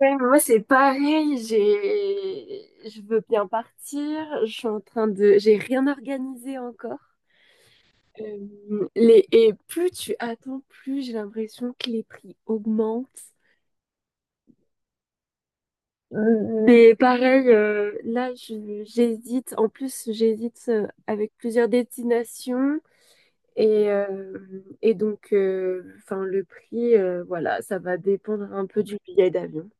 Ouais, moi c'est pareil, j'ai je veux bien partir, je suis en train de j'ai rien organisé encore. Et plus tu attends, plus j'ai l'impression que les prix augmentent. Mais pareil, là j'hésite, en plus j'hésite avec plusieurs destinations et donc enfin le prix voilà, ça va dépendre un peu du billet d'avion.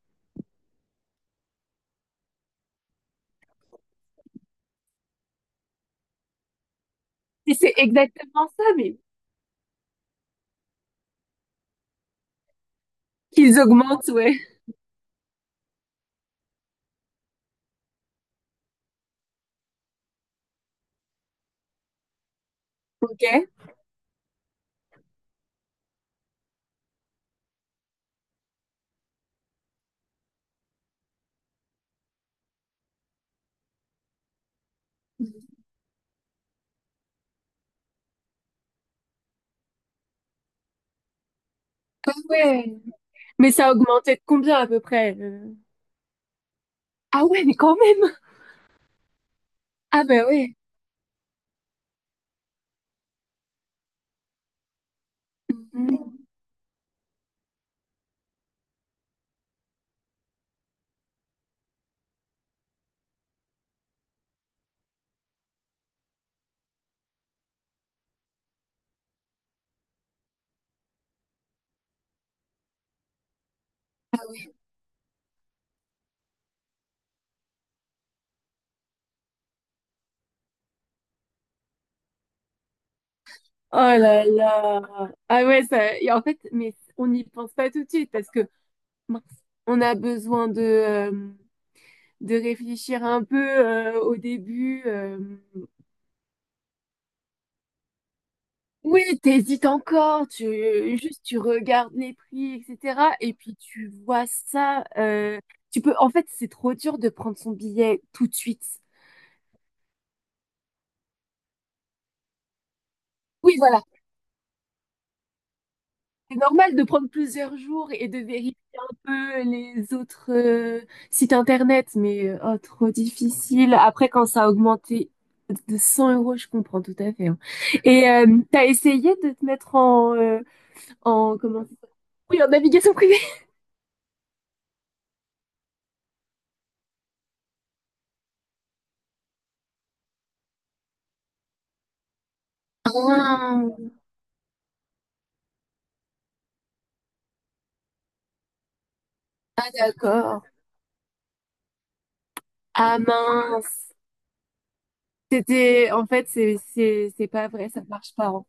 Et c'est exactement ça, mais qu'ils augmentent, ouais. Ok. Ah ouais. Mais ça a augmenté de combien à peu près? Ah ouais, mais quand même. Ah bah ouais. Mm. Oh là là. Ah ouais, ça, et en fait, mais on n'y pense pas tout de suite parce que mince, on a besoin de réfléchir un peu au début. Oui, t'hésites encore, juste tu regardes les prix, etc. Et puis tu vois ça. En fait, c'est trop dur de prendre son billet tout de suite. Oui, voilà. C'est normal de prendre plusieurs jours et de vérifier un peu les autres sites internet, mais oh, trop difficile. Après, quand ça a augmenté de 100 euros, je comprends tout à fait, hein. Et t'as essayé de te mettre en, en comment? Oui, en navigation privée. Ah, ah, d'accord. Ah mince. En fait, c'est pas vrai, ça marche pas, hein.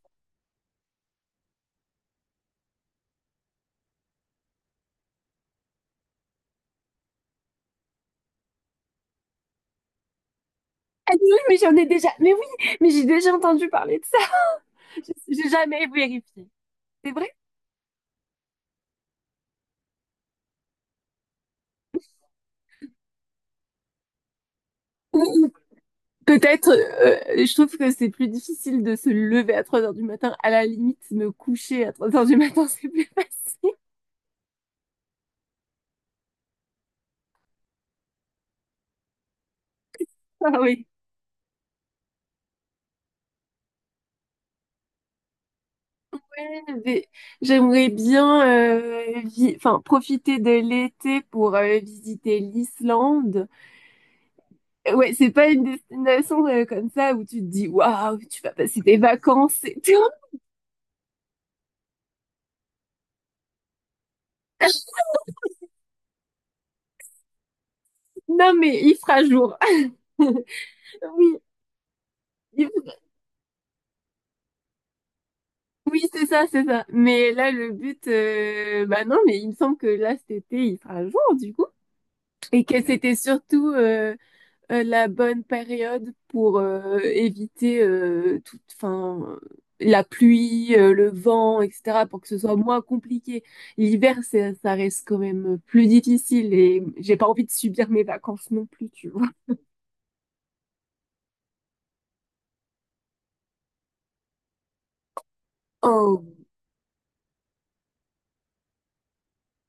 Ah oui, mais j'en ai déjà. Mais oui, mais j'ai déjà entendu parler de ça. J'ai jamais vérifié. C'est vrai? Peut-être, je trouve que c'est plus difficile de se lever à 3h du matin. À la limite, me coucher à 3h du matin, c'est plus facile. Ah oui. Ouais, mais j'aimerais bien enfin, profiter de l'été pour visiter l'Islande. Ouais, c'est pas une destination comme ça où tu te dis waouh, tu vas passer tes vacances et tout. Non, mais il fera jour. Oui, oui, c'est ça, c'est ça. Mais là, le but, bah non, mais il me semble que là, cet été, il fera jour, du coup. Et que c'était surtout la bonne période pour éviter toute, enfin, la pluie, le vent, etc., pour que ce soit moins compliqué. L'hiver, ça reste quand même plus difficile et j'ai pas envie de subir mes vacances non plus, tu vois. Oh,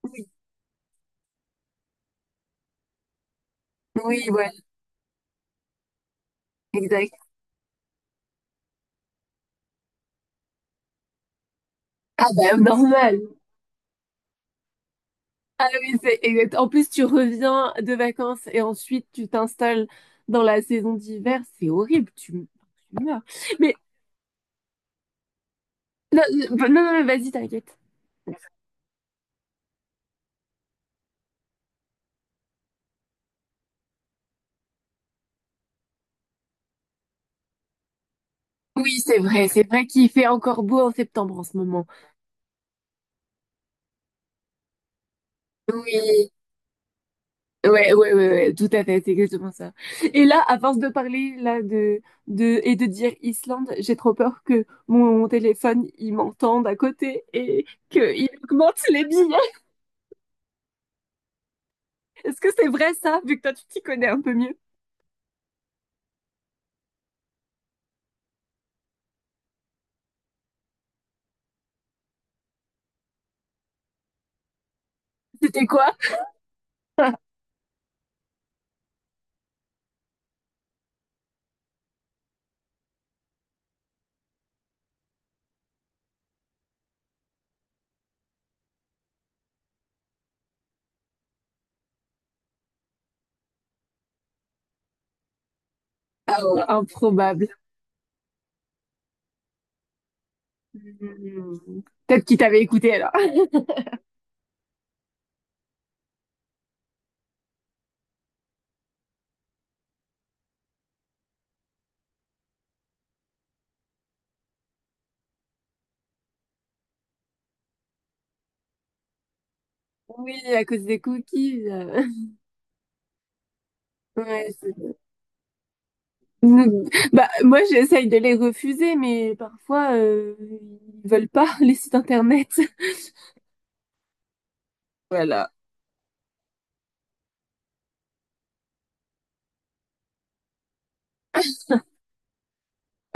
oui, oui, ouais, exact. Ah bah, normal. Ah oui, c'est exact. En plus, tu reviens de vacances et ensuite tu t'installes dans la saison d'hiver. C'est horrible, tu meurs. Mais non, non, non, mais vas-y, t'inquiète. Oui, c'est vrai qu'il fait encore beau en septembre en ce moment. Oui, ouais, ouais, ouais, ouais, tout à fait, c'est exactement ça. Et là, à force de parler là de et de dire Islande, j'ai trop peur que mon téléphone il m'entende à côté et qu'il augmente les billets. Est-ce que c'est vrai ça, vu que toi tu t'y connais un peu mieux? C'était quoi? Ah ouais, improbable. Hmm. Peut-être qu'il t'avait écouté alors. Oui, à cause des cookies. Ouais, bah, moi, j'essaye de les refuser, mais parfois, ils veulent pas les sites internet. Voilà.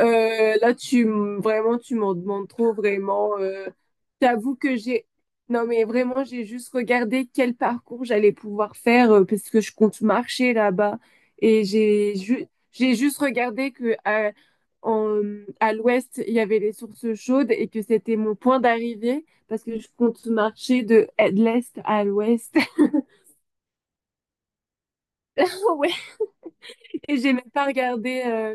Là, vraiment, tu m'en demandes trop, vraiment. T'avoues que j'ai. Non, mais vraiment, j'ai juste regardé quel parcours j'allais pouvoir faire parce que je compte marcher là-bas. Et j'ai juste regardé que en- à l'ouest, il y avait les sources chaudes et que c'était mon point d'arrivée parce que je compte marcher de l'est à l'ouest. Et j'ai même pas regardé euh,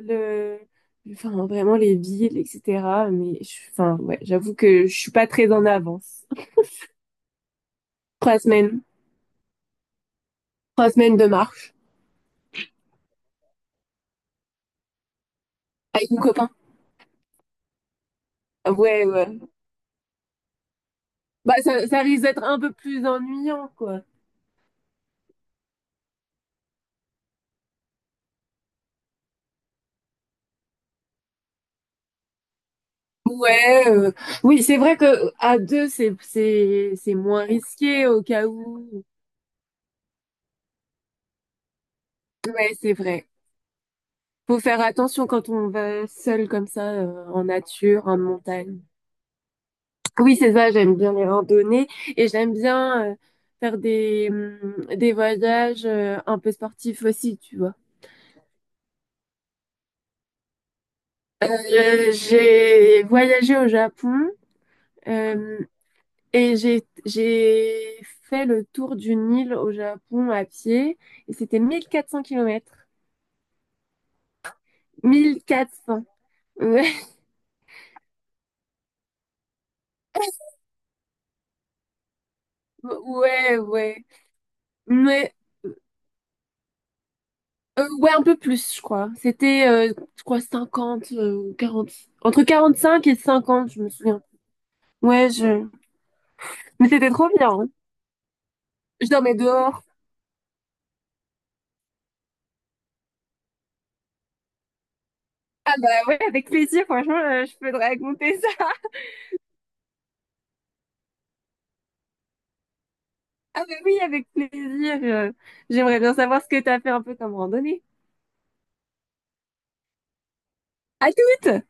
le, enfin vraiment les villes, etc. Mais enfin ouais, j'avoue que je suis pas très en avance. 3 semaines. 3 semaines de marche avec mon copain. Ouais, ouais. Bah ça, ça risque d'être un peu plus ennuyant, quoi. Ouais, oui, c'est vrai que à deux, c'est moins risqué au cas où. Ouais, c'est vrai. Faut faire attention quand on va seul comme ça en nature, en montagne. Oui, c'est ça, j'aime bien les randonnées et j'aime bien faire des voyages un peu sportifs aussi, tu vois. J'ai voyagé au Japon euh, et j'ai fait le tour d'une île au Japon à pied et c'était 1400 kilomètres. 1400. Ouais, ouais, ouais. Mais ouais, un peu plus, je crois. C'était, je crois, 50 ou 40. Entre 45 et 50, je me souviens. Ouais, je... Mais c'était trop bien, hein. Je dormais dehors. Bah ouais, avec plaisir, franchement, je peux te raconter ça. Ah bah oui, avec plaisir. J'aimerais bien savoir ce que t'as fait un peu comme randonnée. À toutes!